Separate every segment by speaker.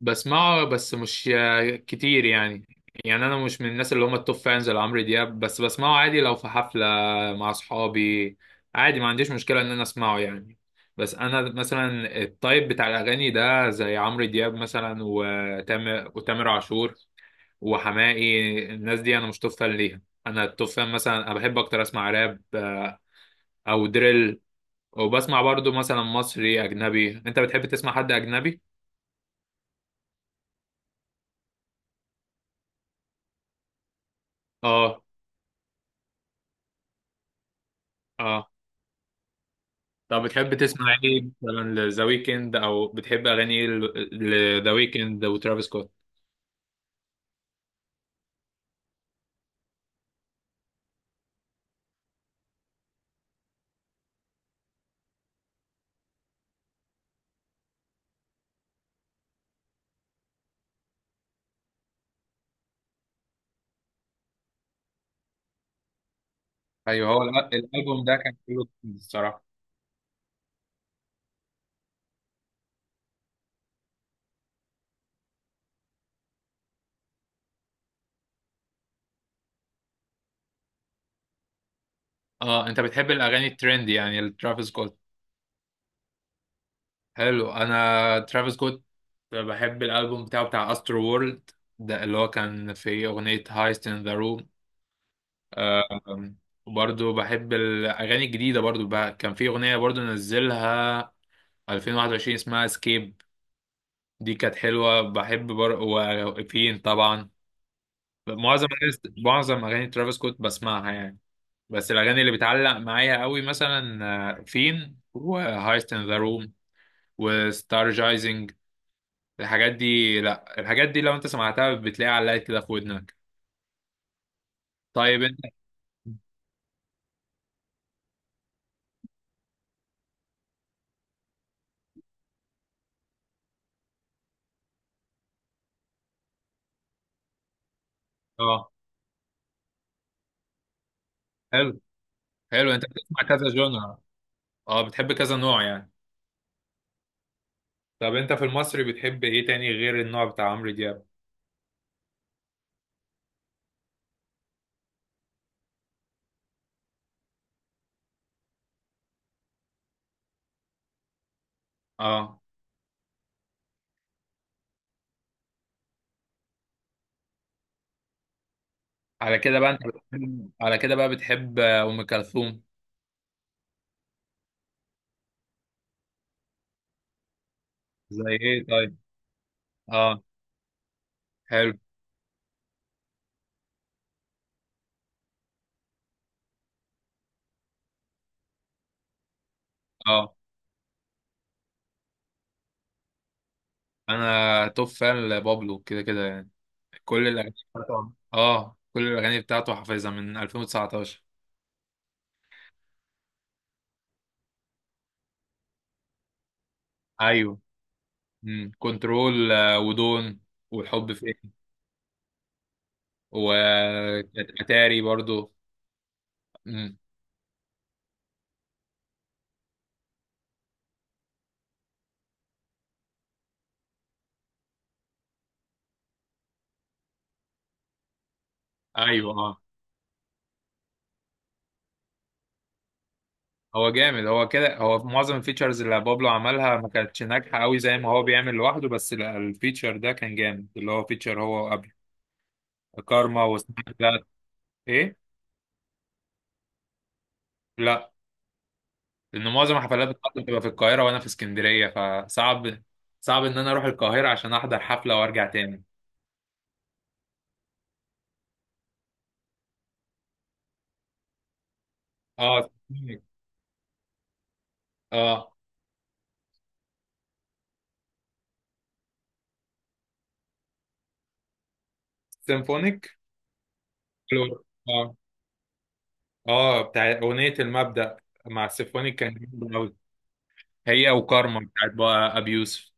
Speaker 1: بسمعه بس مش كتير يعني انا مش من الناس اللي هم التوب فانز لعمرو دياب، بس بسمعه عادي لو في حفلة مع اصحابي. عادي ما عنديش مشكلة ان انا اسمعه يعني. بس انا مثلا التايب بتاع الاغاني ده زي عمرو دياب مثلا، وتامر عاشور وحماقي. الناس دي انا مش توب فان ليها. انا التوب فان مثلا، انا بحب اكتر اسمع راب او دريل. وبسمع برضو مثلا مصري اجنبي. انت بتحب تسمع حد اجنبي؟ اه. اه. طب بتحب تسمع ايه مثلا لذا ويكند، او بتحب اغاني ايه؟ لذا ويكند وترافيس سكوت. ايوه، هو الالبوم ده كان حلو الصراحه. اه انت بتحب الاغاني الترند يعني لترافيس سكوت. حلو. انا ترافيس سكوت بحب الالبوم بتاعه بتاع استرو وورلد، ده اللي هو كان في اغنيه هايست ان ذا روم. وبرضه بحب الاغاني الجديده برضه، بقى كان في اغنيه برضه نزلها 2021 اسمها اسكيب. دي كانت حلوة. بحب وفين طبعا. معظم أغاني معظم أغاني ترافيس سكوت بسمعها يعني. بس الأغاني اللي بتعلق معايا قوي مثلا فين وهايست إن ذا روم وستارجايزنج. الحاجات دي، لا الحاجات دي لو أنت سمعتها بتلاقيها علقت كده في ودنك. طيب أنت. أه. حلو. حلو، أنت بتسمع كذا جونرا، أه بتحب كذا نوع يعني. طب أنت في المصري بتحب إيه تاني غير النوع بتاع عمرو دياب؟ أه. على كده بقى بتحب أم كلثوم. زي إيه طيب؟ أه. حلو. اه انا توب فان لبابلو كده كده يعني. كل الاغاني بتاعته حافظها من 2019. ايوه. كنترول ودون والحب فين واتاري برضو. امم. ايوه اه. هو جامد، هو كده. هو في معظم الفيتشرز اللي بابلو عملها ما كانتش ناجحه قوي زي ما هو بيعمل لوحده، بس لا، الفيتشر ده كان جامد، اللي هو فيتشر هو قبل كارما وسناك ذات. ايه؟ لا، لان معظم الحفلات بتاعتي بتبقى في القاهره وانا في اسكندريه فصعب. صعب ان انا اروح القاهره عشان احضر حفله وارجع تاني. اه سيمفونيك. اه سيمفونيك. حلو. اه. اه بتاع اغنيه المبدأ مع السيمفونيك كان جامد قوي. هي وكارما بتاعت بقى ابي يوسف.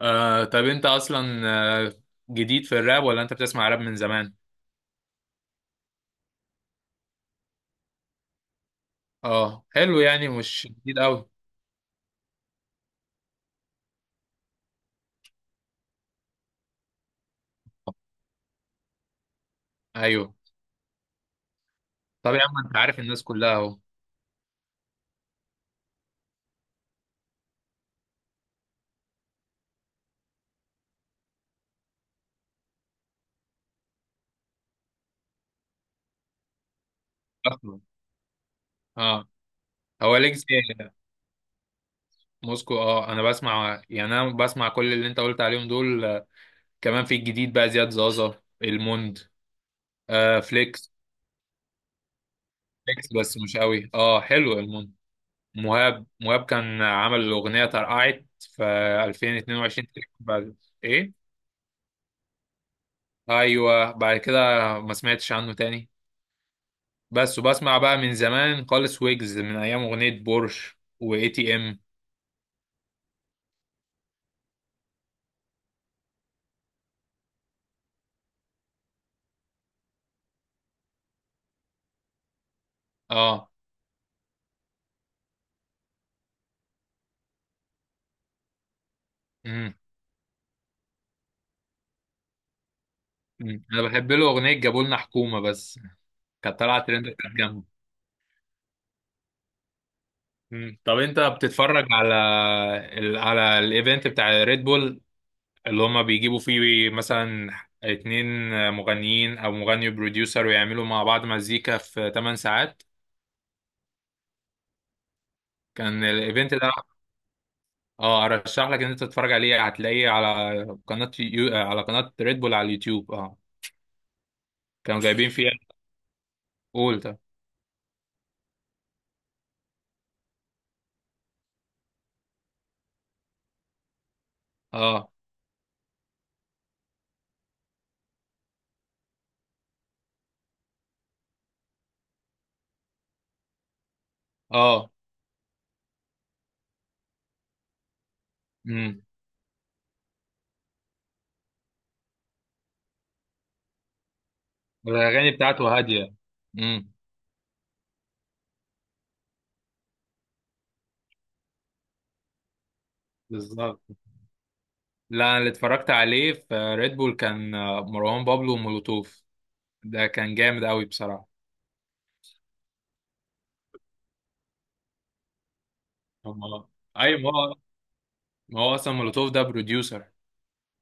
Speaker 1: آه طب انت اصلا، آه، جديد في الراب ولا انت بتسمع راب من زمان؟ اه حلو، يعني مش جديد قوي. ايوه. طب يا عم انت عارف الناس كلها اهو. اصلا. اه. هو ليجاسي، موسكو اه. انا بسمع، يعني انا بسمع كل اللي انت قلت عليهم دول. كمان في الجديد بقى زياد زازا، الموند، فليكس. فليكس بس مش قوي. اه حلو الموند. مهاب كان عمل الاغنيه ترقعت في 2022 تقريباً بعد. ايه؟ ايوه بعد كده. ما سمعتش عنه تاني. بس وبسمع بقى من زمان خالص ويجز من ايام اغنيه بورش واي تي ام. اه. امم. أمم. انا بحب له اغنيه جابولنا حكومه، بس كانت طالعه ترند، كانت جامدة. مم. طب انت بتتفرج على على الايفنت بتاع ريد بول اللي هما بيجيبوا فيه مثلا اتنين مغنيين او مغني وبروديوسر، ويعملوا مع بعض مزيكا في 8 ساعات؟ كان الايفنت ده، اه ارشح لك ان انت تتفرج عليه، هتلاقيه على قناة على قناة ريد بول على اليوتيوب اه. كانوا جايبين فيها قول ده. اه. اه. امم. الاغاني بتاعته هادية. امم. بالظبط. لا انا اللي اتفرجت عليه في ريد بول كان مروان بابلو ومولوتوف، ده كان جامد قوي بصراحه. هم. ايوه، ما هو اصلا مولوتوف ده بروديوسر.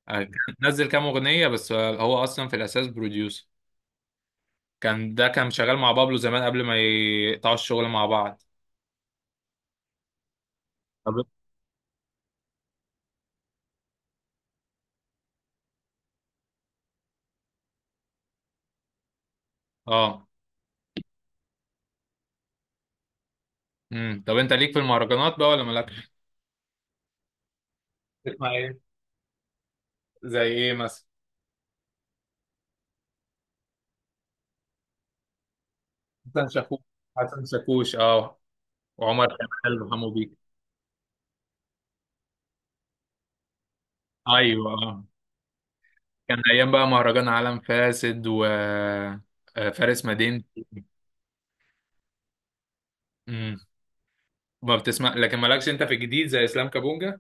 Speaker 1: كان نزل كام اغنيه بس هو اصلا في الاساس بروديوسر. ده كان شغال مع بابلو زمان قبل ما يقطعوا الشغل مع بعض. طب. اه. امم. طب انت ليك في المهرجانات بقى ولا مالكش؟ تسمع ايه، زي ايه مثلا؟ حسن شاكوش. حسن شاكوش اه. وعمر كمال وحمو بيك. ايوه اه. كان ايام بقى مهرجان عالم فاسد و فارس مدينة. ما بتسمع، لكن مالكش انت في الجديد زي اسلام كابونجا؟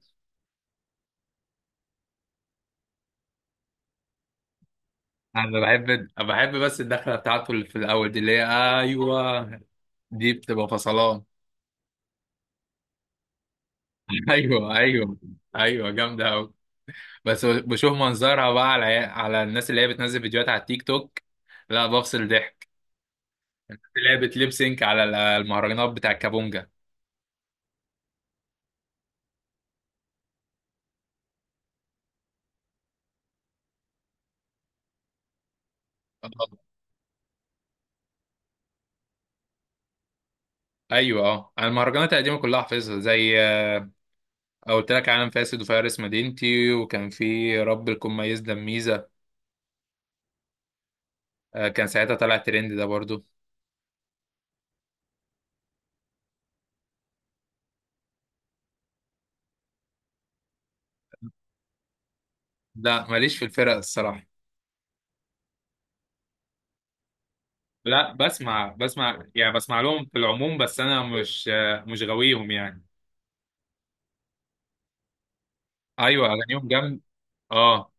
Speaker 1: انا بحب بس الدخله بتاعته اللي في الاول دي اللي هي، ايوه دي بتبقى فصلان. ايوه ايوه. ايوه جامده قوي. بس بشوف منظرها بقى على الناس اللي هي بتنزل فيديوهات على التيك توك، لا بفصل ضحك. اللي هي بتليب سينك على المهرجانات بتاع الكابونجا. آه، ايوه اه. انا المهرجانات القديمه كلها حافظها زي، قلت لك عالم فاسد وفارس مدينتي، وكان في رب الكون، ميز دميزه، كان ساعتها طلع ترند ده برضو. لا ماليش في الفرق الصراحة. لا بسمع يعني، بسمع لهم في العموم بس انا مش غاويهم يعني. ايوه اغانيهم جامد. اه.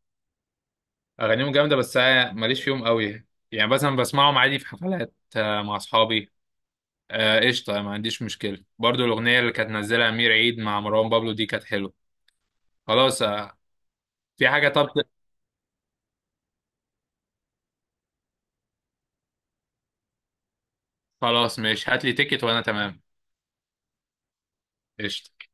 Speaker 1: اغانيهم جامدة بس أنا ماليش فيهم قوي. يعني مثلا بسمعهم عادي في حفلات مع اصحابي. قشطة. ما عنديش مشكلة. برضو الاغنية اللي كانت نزلها امير عيد مع مروان بابلو دي كانت حلوة. خلاص. في حاجة طب. خلاص ماشي، هات لي تيكت وانا تمام. قشطة.